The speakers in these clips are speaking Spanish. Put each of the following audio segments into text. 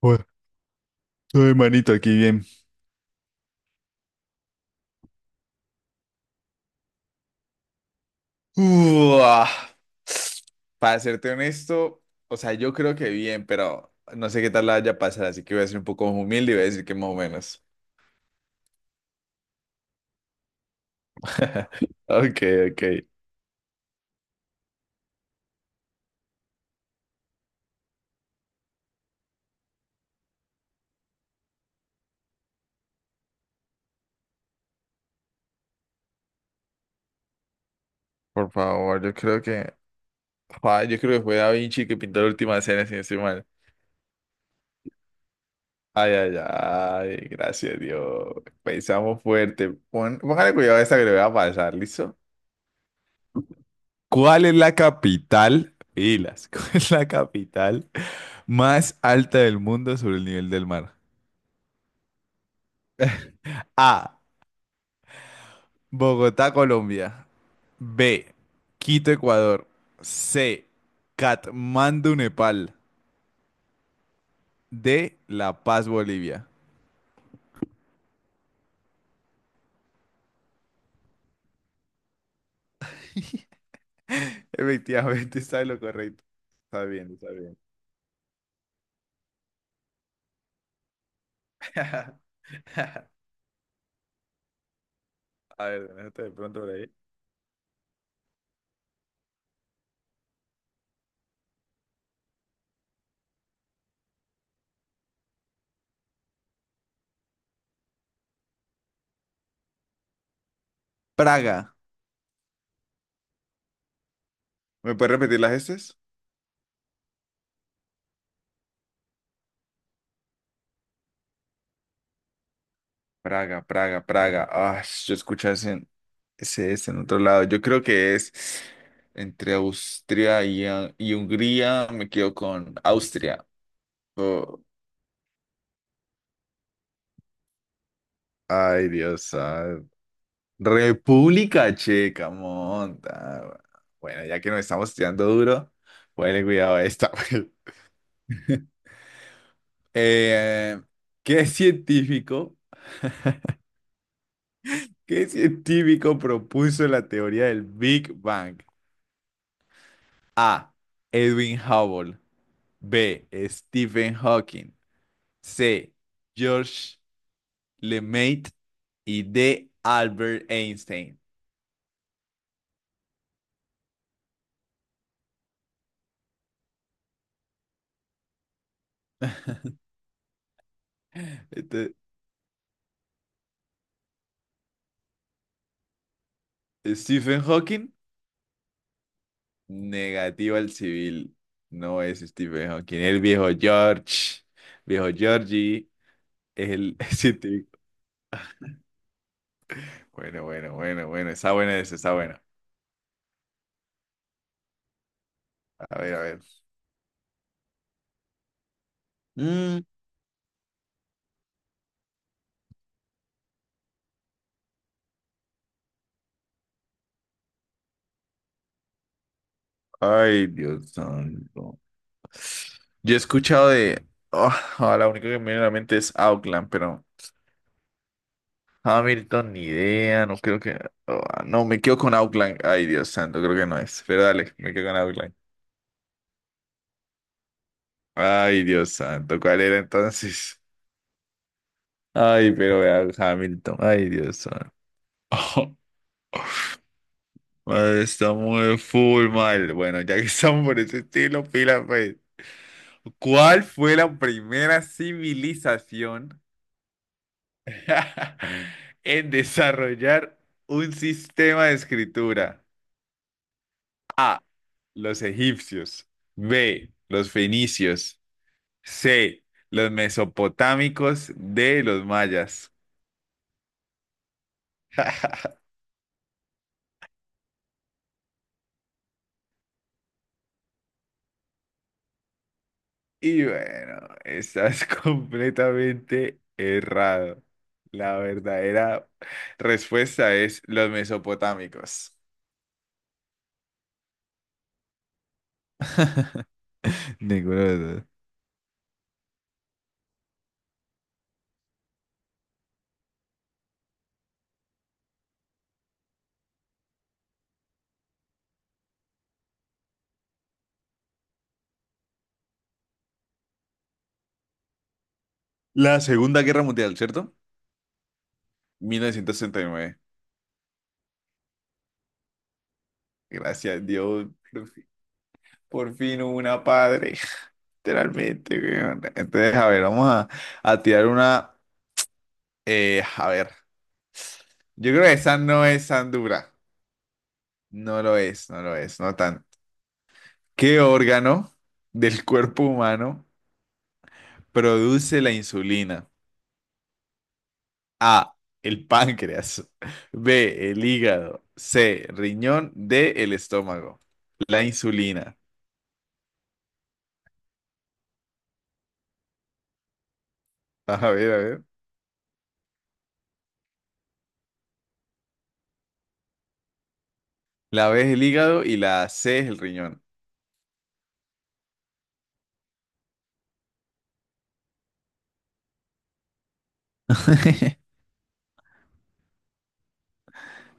Joder, ay, manito, aquí bien. Uah. Para serte honesto, o sea, yo creo que bien, pero no sé qué tal la vaya a pasar, así que voy a ser un poco humilde y voy a decir que más o menos. Ok, ok. Por favor, yo creo que. Ah, yo creo que fue Da Vinci que pintó la última cena, si no estoy mal. Ay, ay, ay, gracias Dios. Pensamos fuerte. Póngale cuidado a esta que le voy a pasar, ¿listo? ¿Cuál es la capital? Pilas, ¿cuál es la capital más alta del mundo sobre el nivel del mar? A. Bogotá, Colombia. B. Quito, Ecuador. C. Katmandú, Nepal. D. La Paz, Bolivia. Efectivamente, está en lo correcto. Está bien, está bien. A ver, déjate de pronto por ahí. Praga. ¿Me puedes repetir las estas? Praga, Praga, Praga. Ah, yo escuché ese, ese en otro lado. Yo creo que es entre Austria y, ah, y Hungría. Me quedo con Austria. Oh, ay, Dios santo. República Checa, monta. Bueno, ya que nos estamos tirando duro, ponle cuidado a esta. Eh, ¿qué científico, qué científico propuso la teoría del Big Bang? A. Edwin Hubble. B. Stephen Hawking. C. George LeMaitre. Y D. Albert Einstein. Este, Stephen Hawking. Negativo al civil. No es Stephen Hawking. El viejo George. Viejo Georgie es el científico. Bueno, bueno, bueno, bueno. Está bueno ese, está bueno. A ver, a ver. Mm, Ay, Dios santo. Yo he escuchado de. Oh, ah, la única que me viene a la mente es Auckland, pero Hamilton, ni idea, no creo que... Ah, no, me quedo con Outline. Ay, Dios santo, creo que no es. Pero dale, me quedo con Outline. Ay, Dios santo, ¿cuál era entonces? Ay, pero vea, Hamilton. Ay, Dios santo. Madre, estamos de full mal. Bueno, ya que estamos por ese estilo, pila, pues. ¿Cuál fue la primera civilización en desarrollar un sistema de escritura? A. Los egipcios. B. Los fenicios. C. Los mesopotámicos. D. Los mayas. Y bueno, estás completamente errado. La verdadera respuesta es los mesopotámicos. Ninguno de los dos. La Segunda Guerra Mundial, ¿cierto? 1939. Gracias a Dios, por fin hubo una padre. Literalmente, weón. Entonces, a ver, a tirar una. A ver, yo creo que esa no es tan dura. No lo es, no lo es, no tan. ¿Qué órgano del cuerpo humano produce la insulina? A, el páncreas. B, el hígado. C, riñón. D, el estómago. La insulina. A ver, a ver. La B es el hígado y la C es el riñón.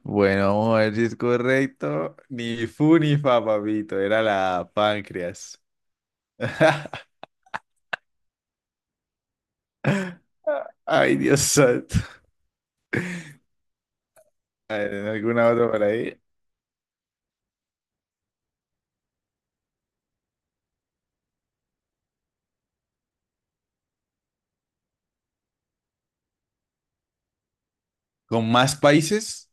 Bueno, vamos a ver si es correcto. Ni fu ni fa, papito. Era la páncreas. Ay, Dios santo. A ver, ¿en alguna otra por ahí? ¿Con más países?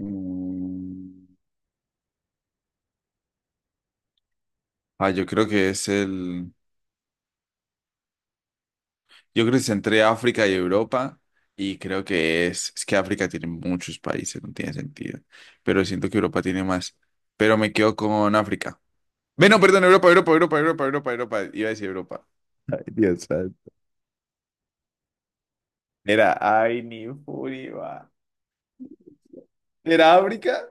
Mm. Ah, yo creo que es el... Yo creo que es entre África y Europa. Y creo que es... Es que África tiene muchos países, no tiene sentido. Pero siento que Europa tiene más. Pero me quedo con África. Bueno, perdón, Europa. Iba a decir Europa. Ay, Dios santo. Era, ay, ni furia. ¿Era África?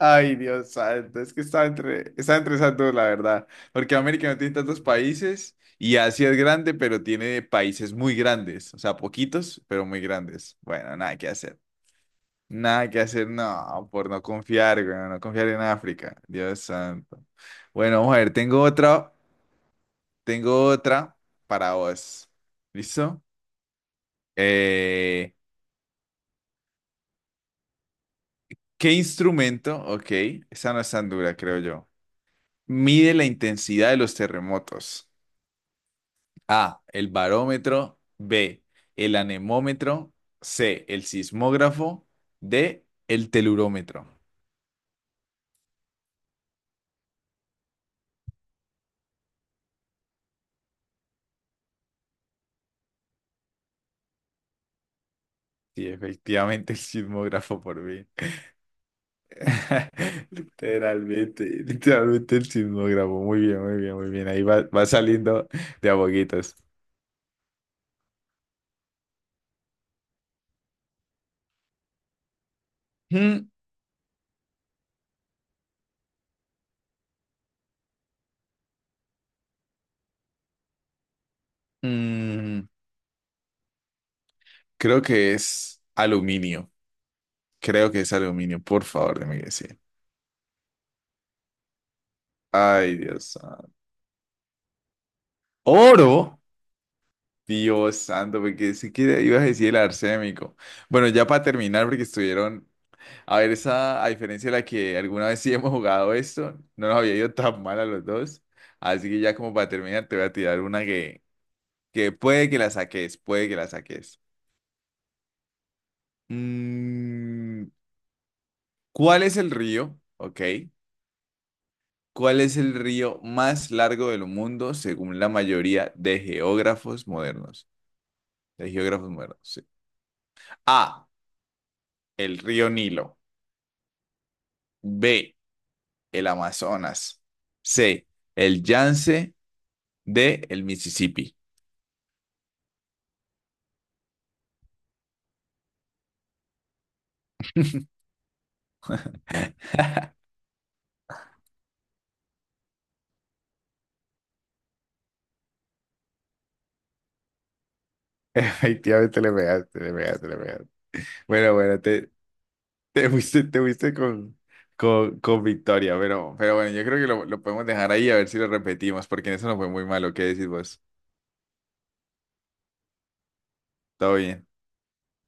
Ay, Dios santo, es que está entre esas dos, la verdad. Porque América no tiene tantos países y Asia es grande, pero tiene países muy grandes. O sea, poquitos, pero muy grandes. Bueno, nada que hacer. Nada que hacer, no, por no confiar, güey, no confiar en África. Dios santo. Bueno, vamos a ver, tengo otra para vos. ¿Listo? Eh, ¿Qué instrumento? Ok, esa no es tan dura, creo yo. Mide la intensidad de los terremotos. A, el barómetro. B, el anemómetro. C, el sismógrafo. D, el telurómetro. Sí, efectivamente el sismógrafo por mí. Literalmente, literalmente el sismógrafo. Muy bien, muy bien, muy bien. Ahí va, va saliendo de a poquitos. Mm, mm, creo que es aluminio. Creo que es aluminio. Por favor, déjame decir. Ay, Dios santo. Oro. Dios santo, porque si que ibas a decir el arsénico. Bueno, ya para terminar, porque estuvieron. A ver, esa, a diferencia de la que alguna vez sí hemos jugado esto, no nos había ido tan mal a los dos. Así que ya como para terminar, te voy a tirar una que puede que la saques, puede que la saques. Mm, ¿Cuál es el río? Ok. ¿Cuál es el río más largo del mundo según la mayoría de geógrafos modernos? De geógrafos modernos, sí. A. El río Nilo. B. El Amazonas. C, el Yance. D, el Mississippi. Efectivamente le pegaste, le pegaste, le pegaste. Bueno, bueno, te fuiste, con victoria, pero bueno, yo creo que lo podemos dejar ahí a ver si lo repetimos, porque en eso no fue muy malo. ¿Qué decís vos? Todo bien.